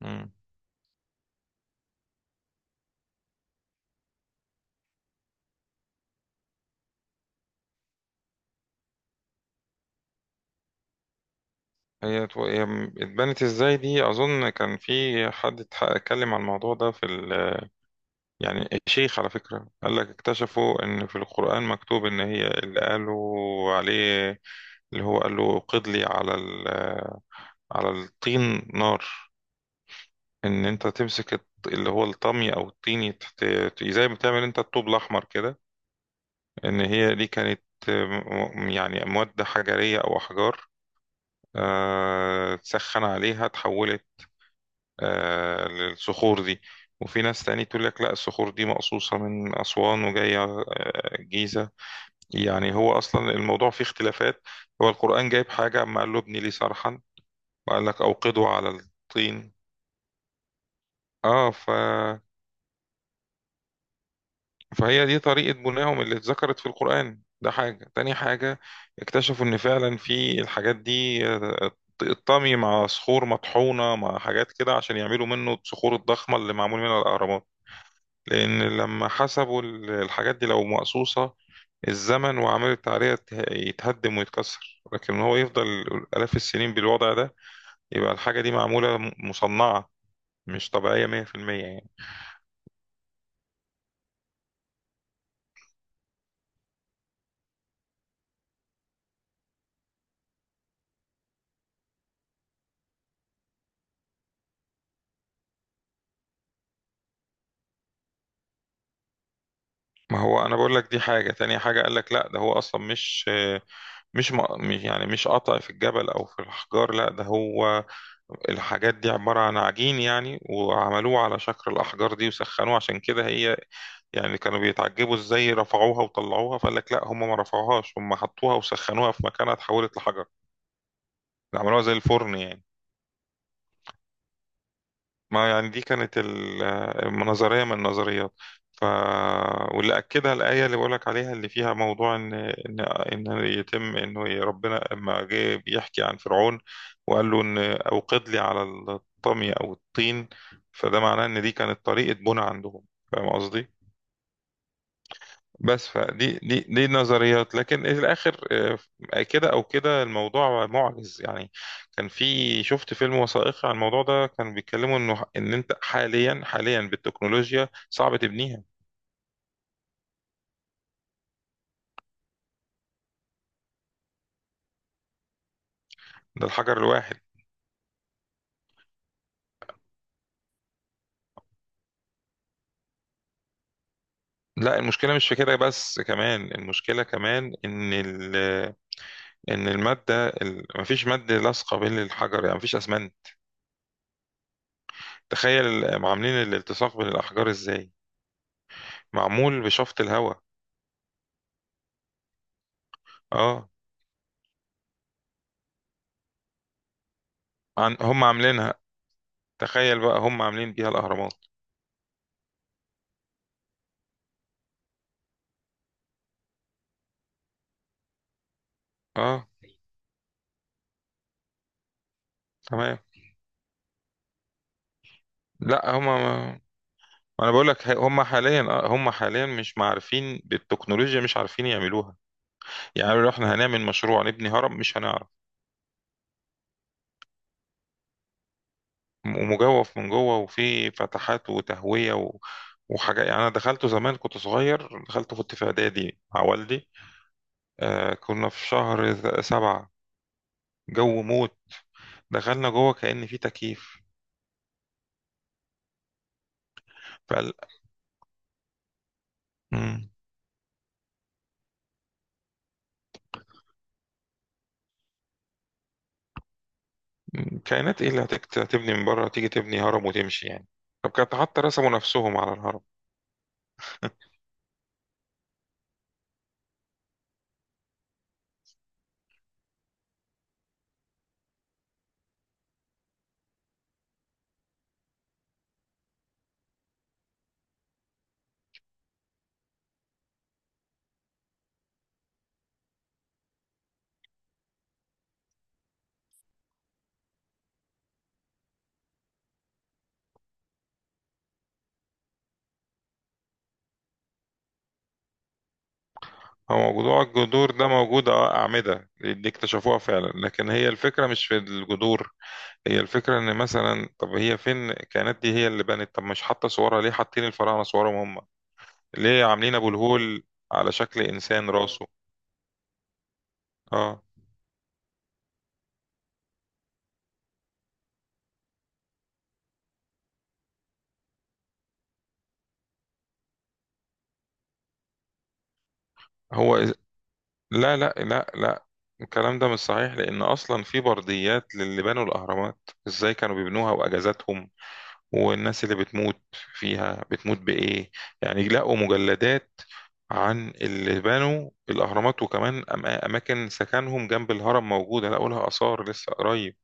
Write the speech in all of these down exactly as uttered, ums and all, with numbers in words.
مم. هي تو- هي م- اتبنت ازاي دي، اظن كان في حد اتح- اتكلم عن الموضوع ده. في ال... يعني الشيخ على فكرة قال لك اكتشفوا ان في القرآن مكتوب ان هي اللي قالوا عليه، اللي هو قال له قد لي على ال... على الطين نار. ان انت تمسك الط- اللي هو الطمي او الطين، يتحت... ت- زي ما بتعمل انت الطوب الاحمر كده. ان هي دي كانت م- م- يعني مواد حجرية او احجار، آه، تسخن عليها تحولت، آه، للصخور دي. وفي ناس تاني تقول لك لا، الصخور دي مقصوصة من أسوان وجاية، آه، الجيزة. يعني هو أصلا الموضوع فيه اختلافات. هو القرآن جايب حاجة، أما قال له ابني لي صرحا وقال لك أوقده على الطين. اه ف... فهي دي طريقة بنائهم اللي اتذكرت في القرآن. ده حاجة، تاني حاجة اكتشفوا إن فعلا في الحاجات دي، آه، الطمي مع صخور مطحونة مع حاجات كده عشان يعملوا منه الصخور الضخمة اللي معمول منها الأهرامات. لأن لما حسبوا ال- الحاجات دي لو مقصوصة، الزمن وعملت عليها ته- يتهدم ويتكسر، لكن هو يفضل آلاف السنين بالوضع ده، يبقى الحاجة دي معمولة، م- مصنعة، مش طبيعية مية في المية يعني. ما هو أنا بقول لك دي حاجة، تانية حاجة قال لك لا، ده هو أصلا مش مش م- مش يعني مش قطع في الجبل أو في الأحجار. لا ده هو الحاجات دي عبارة عن عجين يعني، وعملوه على شكل الأحجار دي وسخنوه، عشان كده هي يعني كانوا بيتعجبوا ازاي رفعوها وطلعوها. فقال لك لا، هم ما رفعوهاش، هم حطوها وسخنوها في مكانها، اتحولت لحجر. عملوها زي الفرن يعني. ما يعني دي كانت ال- النظرية من النظريات. ف... واللي أكدها الآية اللي بقولك عليها اللي فيها موضوع إن إن إن يتم إنه ي- ربنا لما جه بيحكي عن فرعون وقال له إن أوقد لي على الطمي أو الطين، فده معناه إن دي كانت طريقة بناء عندهم. فاهم قصدي؟ بس فدي دي دي نظريات، لكن في الاخر، آه، كده او كده الموضوع معجز يعني. كان في شفت فيلم وثائقي عن الموضوع ده، كانوا بيتكلموا انه ان انت حاليا حاليا بالتكنولوجيا صعب تبنيها. ده الحجر الواحد. لا المشكله مش في كده بس، كمان المشكله كمان ان ال ان الماده ال- مفيش ماده لاصقه بين الحجر يعني، مفيش اسمنت. تخيل عاملين الالتصاق بين الاحجار ازاي؟ معمول بشفط الهواء. اه، عن هم عاملينها، تخيل بقى هم عاملين بيها الاهرامات. اه، تمام. لا هم ما... انا بقول لك هم حاليا، آه، هم حاليا مش معرفين بالتكنولوجيا، مش عارفين يعملوها. يعني لو احنا هنعمل مشروع نبني هرم مش هنعرف. م- ومجوف من جوه وفي فتحات وتهوية و... وحاجات يعني. انا دخلته زمان كنت صغير، دخلته كنت في اعدادي مع والدي. آه كنا في شهر س- سبعة، جو موت. دخلنا جوه كأن في تكييف. فقال. كائنات ايه اللي هتك- هتبني من بره تيجي تبني هرم وتمشي يعني؟ طب كانت حتى رسموا نفسهم على الهرم. هو موضوع الجذور ده موجود، اه أعمدة دي اكتشفوها فعلا، لكن هي الفكرة مش في الجذور. هي الفكرة ان مثلا طب هي فين الكائنات دي، هي اللي بنت؟ طب مش حاطة صورها ليه؟ حاطين الفراعنة صورهم هم ليه؟ عاملين ابو الهول على شكل انسان راسه. اه هو إز- لا لا لا لا، الكلام ده مش صحيح، لان اصلا في برديات للي بنوا الاهرامات ازاي كانوا بيبنوها، واجازاتهم والناس اللي بتموت فيها بتموت بإيه. يعني لقوا مجلدات عن اللي بنوا الأهرامات، وكمان أم- أماكن سكنهم جنب الهرم موجودة، لقوا لها آثار لسه قريب.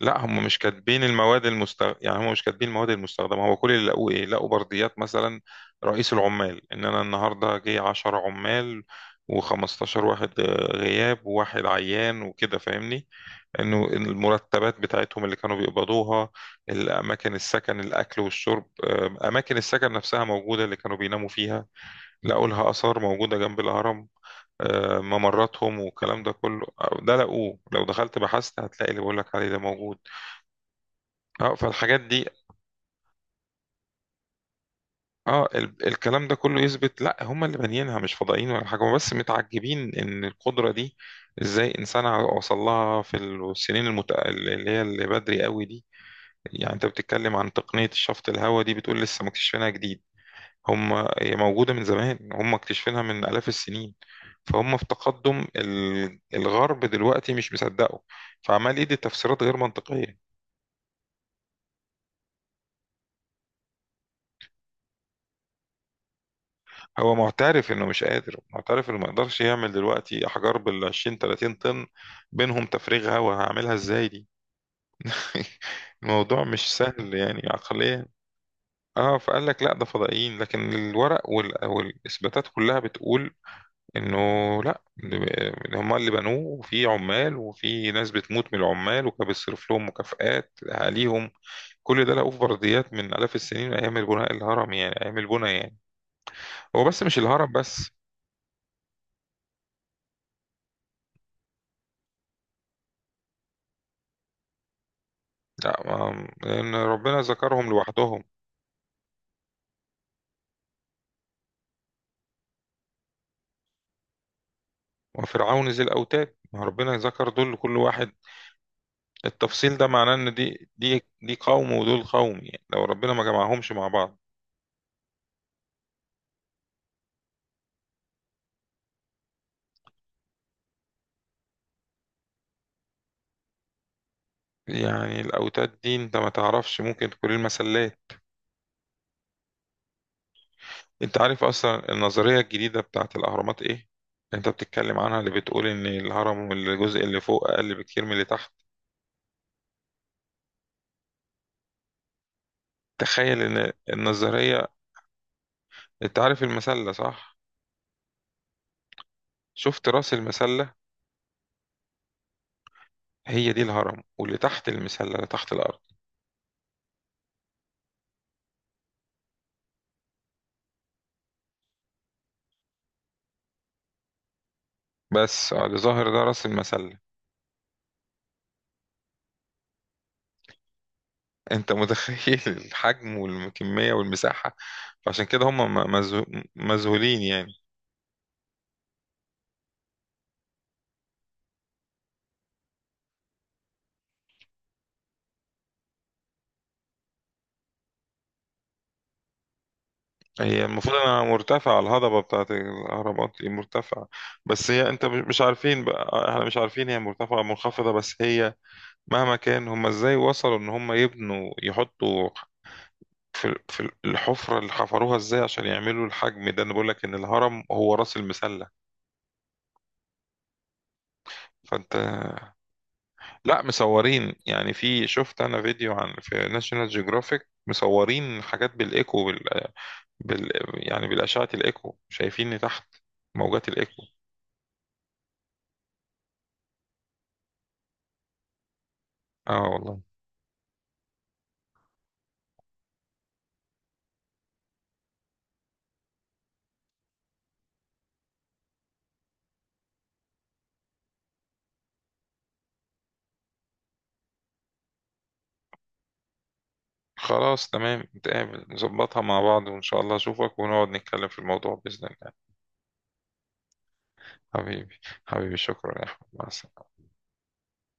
لا هم مش كاتبين المواد المستخ... يعني هم مش كاتبين المواد المستخدمة. هو كل اللي لقوه إيه؟ لقوا برديات مثلا رئيس العمال إن أنا النهاردة جه عشر عمال و15 واحد آه، غياب وواحد عيان وكده، فاهمني؟ انه المرتبات بتاعتهم اللي كانوا بيقبضوها، الاماكن السكن الاكل والشرب، آم، اماكن السكن نفسها موجوده اللي كانوا بيناموا فيها، لقوا لها اثار موجوده جنب الهرم، آم، ممراتهم والكلام ده كله. آه، ده لقوه، لو دخلت بحثت هتلاقي اللي بقول لك عليه ده موجود. اه فالحاجات دي، اه ال- الكلام ده كله يثبت لا هم اللي بانيينها، مش فضائيين ولا حاجه، هم بس متعجبين ان القدره دي ازاي انسان وصل لها في السنين المت... اللي هي اللي بدري قوي دي. يعني انت بتتكلم عن تقنية الشفط الهواء دي، بتقول لسه مكتشفينها جديد. هم هي موجودة من زمان، هم مكتشفينها من آلاف السنين. فهم في تقدم ال- الغرب دلوقتي مش مصدقه، فعمال يدي تفسيرات غير منطقية. هو معترف انه مش قادر، معترف انه ما يقدرش يعمل دلوقتي احجار بال عشرين تلاتين طن بينهم تفريغ هواء، هعملها ازاي دي؟ الموضوع مش سهل يعني عقليا. اه، فقال لك لا، ده فضائيين، لكن الورق وال- والاثباتات كلها بتقول انه لا، إن هما اللي بنوه، وفي عمال وفي ناس بتموت من العمال، وكان بيصرف لهم مكافآت عليهم. كل ده لقوه في برديات من آلاف السنين، من ايام البناء الهرم يعني، ايام البنى يعني. هو بس مش الهرم بس. لا ما- لان ربنا ذكرهم لوحدهم. وفرعون ذي الاوتاد، ما ربنا ذكر دول كل واحد. التفصيل ده معناه ان دي دي دي قوم ودول قوم، يعني لو ربنا ما جمعهمش مع بعض. يعني الاوتاد دي انت ما تعرفش، ممكن تكون المسلات. انت عارف اصلا النظريه الجديده بتاعت الاهرامات ايه؟ انت بتتكلم عنها، اللي بتقول ان الهرم والجزء اللي فوق اقل بكتير من اللي تحت. تخيل ان النظريه، انت عارف المسله صح؟ شفت راس المسله. هي دي الهرم، واللي تحت المسله اللي تحت الارض. بس اه، اللي ظاهر ده راس المسله. انت متخيل الحجم والكميه والمساحه؟ فعشان كده هم م- مذهو- مذهولين يعني. هي المفروض انها مرتفعة، الهضبة بتاعت الاهرامات دي مرتفعة، بس هي انت مش مش عارفين بقى، احنا مش عارفين هي مرتفعة أو منخفضة، بس هي مهما كان هم ازاي وصلوا ان هم يبنوا يحطوا في في الحفرة اللي حفروها، ازاي عشان يعملوا الحجم ده؟ انا بقول لك ان الهرم هو راس المسلة. فانت لا، مصورين يعني، في شفت انا فيديو عن في ناشونال جيوغرافيك مصورين حاجات بالايكو بال... بال... يعني بالاشعة الايكو شايفين تحت، موجات الايكو. اه والله. خلاص، تمام، نتقابل نظبطها مع بعض وإن شاء الله أشوفك ونقعد نتكلم في الموضوع بإذن الله. حبيبي، حبيبي، شكرا يا أحمد، مع السلامة.